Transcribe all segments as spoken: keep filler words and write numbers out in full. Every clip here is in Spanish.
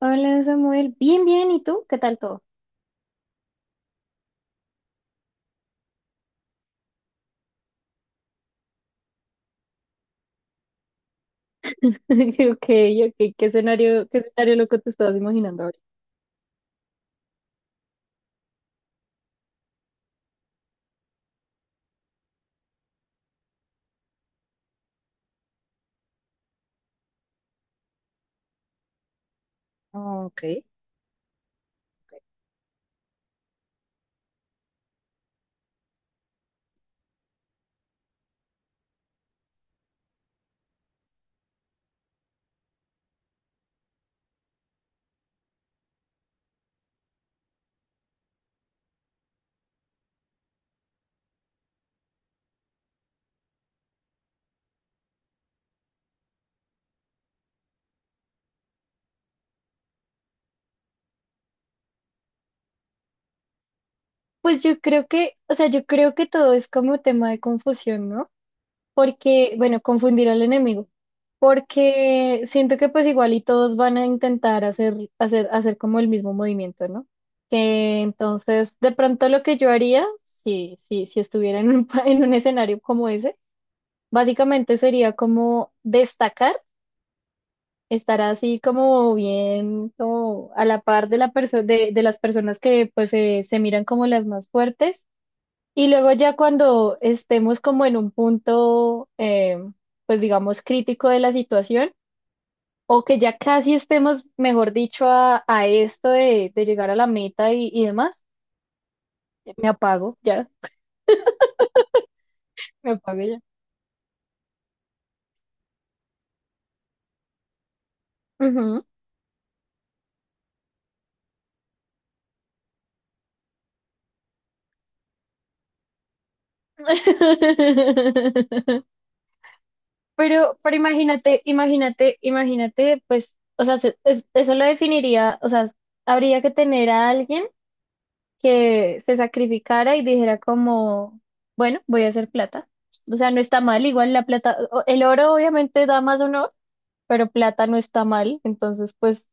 Hola Samuel, bien, bien, ¿y tú? ¿Qué tal todo? Yo, Ok, ok, ¿qué escenario, qué escenario loco te estabas imaginando ahora? Ah, Ok. Pues yo creo que, o sea, yo creo que todo es como tema de confusión, ¿no? Porque, bueno, confundir al enemigo, porque siento que pues igual y todos van a intentar hacer, hacer, hacer como el mismo movimiento, ¿no? Que entonces, de pronto lo que yo haría, si, si, si estuviera en un, pa- en un escenario como ese, básicamente sería como destacar, estar así como bien, como a la par de la perso- de, de las personas que pues se se miran como las más fuertes, y luego ya cuando estemos como en un punto eh, pues digamos crítico de la situación, o que ya casi estemos, mejor dicho, a, a esto de, de llegar a la meta y, y demás, me apago ya, me apago ya. Ujú. Pero, pero imagínate, imagínate, imagínate, pues, o sea, se- es- eso lo definiría, o sea, habría que tener a alguien que se sacrificara y dijera como, bueno, voy a hacer plata. O sea, no está mal, igual la plata, o- el oro obviamente da más honor, pero plata no está mal, entonces, pues,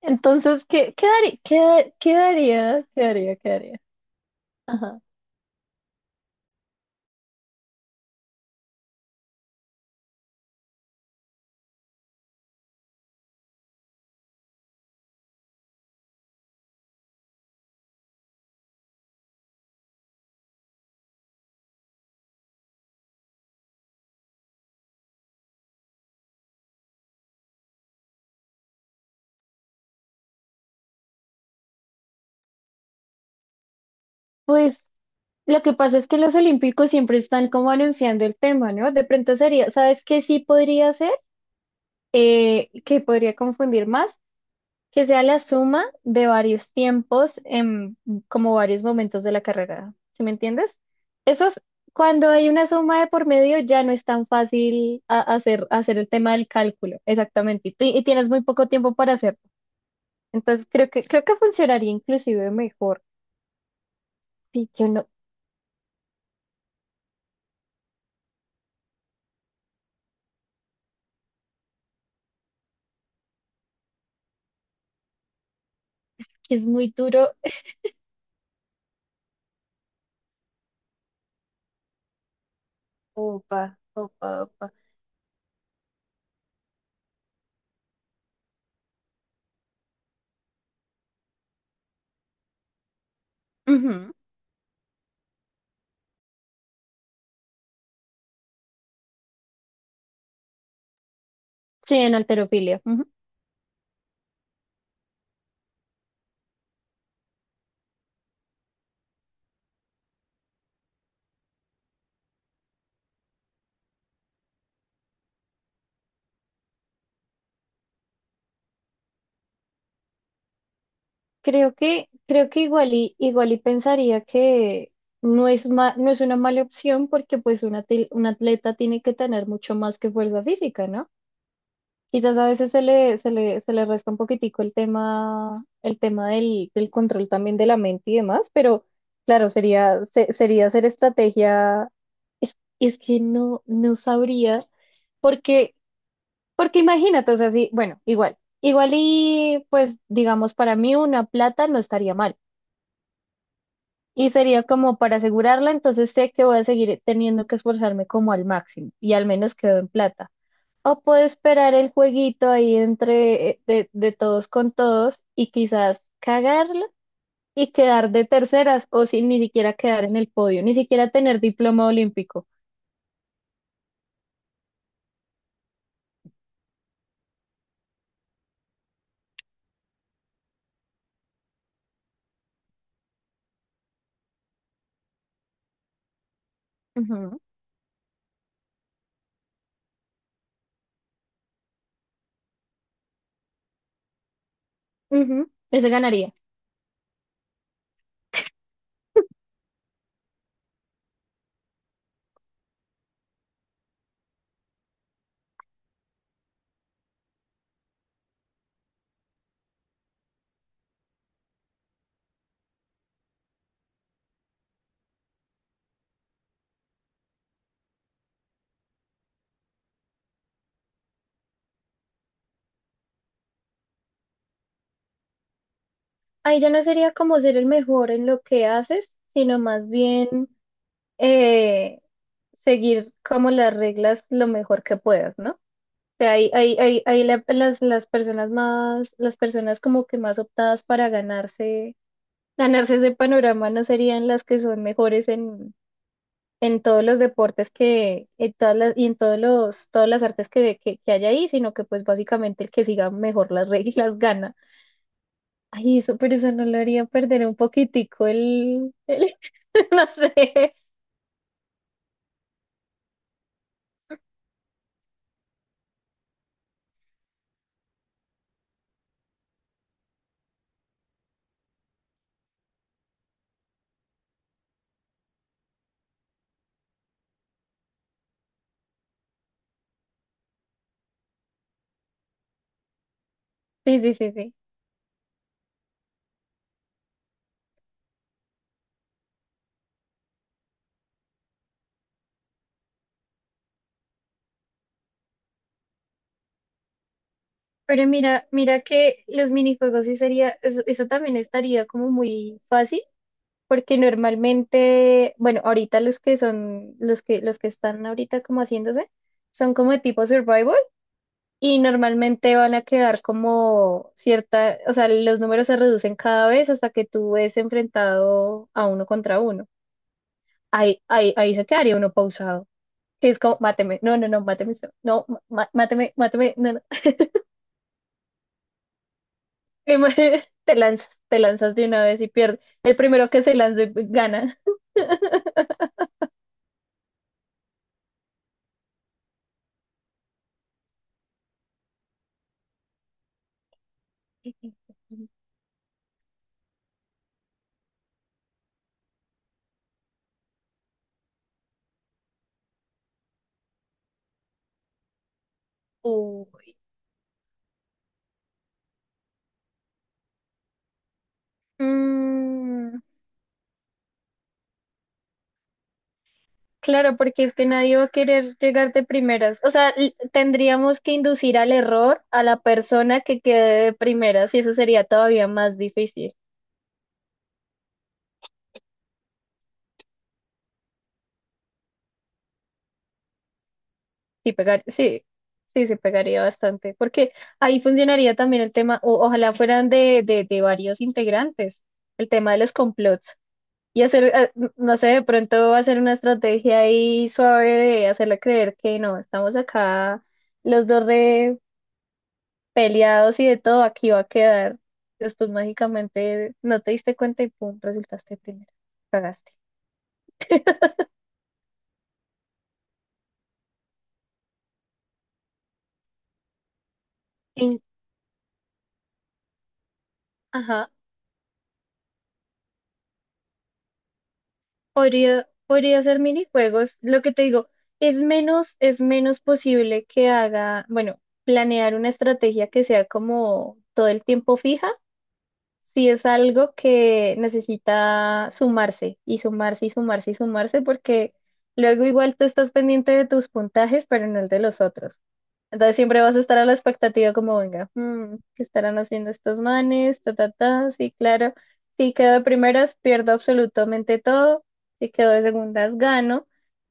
entonces, ¿qué, qué daría, qué, qué daría, qué daría, qué daría? Ajá. Pues, lo que pasa es que los olímpicos siempre están como anunciando el tema, ¿no? De pronto sería, ¿sabes qué sí podría ser? Eh, que podría confundir más, que sea la suma de varios tiempos en como varios momentos de la carrera. ¿Sí me entiendes? Eso es, cuando hay una suma de por medio ya no es tan fácil a- hacer, hacer el tema del cálculo, exactamente. Y, ti- y tienes muy poco tiempo para hacerlo. Entonces creo que, creo que funcionaría inclusive mejor. Sí, yo no, que es muy duro. Opa, opa, opa. Ujú. Sí, en alterofilia. Creo que, creo que igual y, igual y pensaría que no es ma- no es una mala opción porque pues un, atil- un atleta tiene que tener mucho más que fuerza física, ¿no? Quizás a veces se le, se le, se le resta un poquitico el tema, el tema del, del control también de la mente y demás, pero claro, sería, se- sería hacer estrategia, es, es que no, no sabría, porque, porque imagínate, o sea, sí, bueno, igual, igual y pues digamos para mí una plata no estaría mal, y sería como para asegurarla, entonces sé que voy a seguir teniendo que esforzarme como al máximo y al menos quedo en plata. O puedo esperar el jueguito ahí entre eh, de, de todos con todos y quizás cagarla y quedar de terceras o sin ni siquiera quedar en el podio, ni siquiera tener diploma olímpico. Ujú, ujú, ese ganaría. Ahí ya no sería como ser el mejor en lo que haces, sino más bien, eh, seguir como las reglas lo mejor que puedas, ¿no? Sea, hay, hay, hay, hay la- las, las personas más, las personas como que más optadas para ganarse, ganarse ese panorama no serían las que son mejores en, en todos los deportes que, en todas las, y en todos los, todas las artes que, que, que hay ahí, sino que pues básicamente el que siga mejor las reglas gana. Ay, eso, pero eso no lo haría perder un poquitico el, el no sé. Sí, sí, sí, sí. Pero mira, mira que los minijuegos sí sería, eso, eso también estaría como muy fácil porque normalmente, bueno, ahorita los que son, los que, los que están ahorita como haciéndose, son como de tipo survival y normalmente van a quedar como cierta, o sea, los números se reducen cada vez hasta que tú ves enfrentado a uno contra uno. Ahí, ahí, ahí se quedaría uno pausado, que es como, máteme, no, no, no, máteme, usted, no, ma- máteme, máteme, no, no. Y muere, te lanzas, te lanzas de una vez y pierdes. El primero que se lance gana. Uy. Mm. Claro, porque es que nadie va a querer llegar de primeras. O sea, l- tendríamos que inducir al error a la persona que quede de primeras y eso sería todavía más difícil. Sí, pegar, sí, sí, se pegaría bastante, porque ahí funcionaría también el tema, o, ojalá fueran de, de, de varios integrantes, el tema de los complots, y hacer, eh, n- no sé, de pronto hacer una estrategia ahí suave de hacerle creer que no, estamos acá los dos peleados y de todo, aquí va a quedar. Después mágicamente no te diste cuenta y pum, resultaste primero. Cagaste. En, ajá, podría, podría hacer minijuegos. Lo que te digo, es menos, es menos posible que haga, bueno, planear una estrategia que sea como todo el tiempo fija. Sí, es algo que necesita sumarse y sumarse y sumarse y sumarse porque luego igual tú estás pendiente de tus puntajes, pero no el de los otros. Entonces siempre vas a estar a la expectativa como, venga, mm, ¿qué estarán haciendo estos manes? Ta, ta, ta. Sí, claro. Si quedo de primeras, pierdo absolutamente todo. Si quedo de segundas, gano.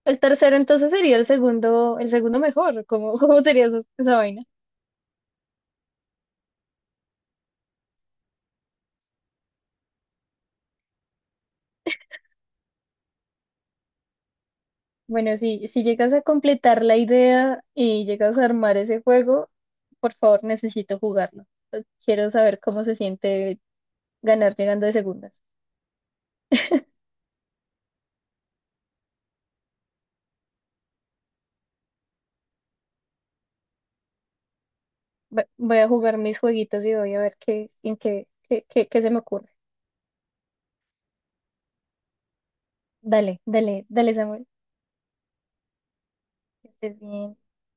El tercero entonces sería el segundo, el segundo mejor. ¿Cómo, cómo sería esa, esa vaina? Bueno, si, si llegas a completar la idea y llegas a armar ese juego, por favor, necesito jugarlo. Eh, Quiero saber cómo se siente ganar llegando de segundas. Va- Voy a jugar mis jueguitos y voy a ver qué, en qué, qué, qué, qué se me ocurre. Dale, dale, dale, Samuel. Que estés bien.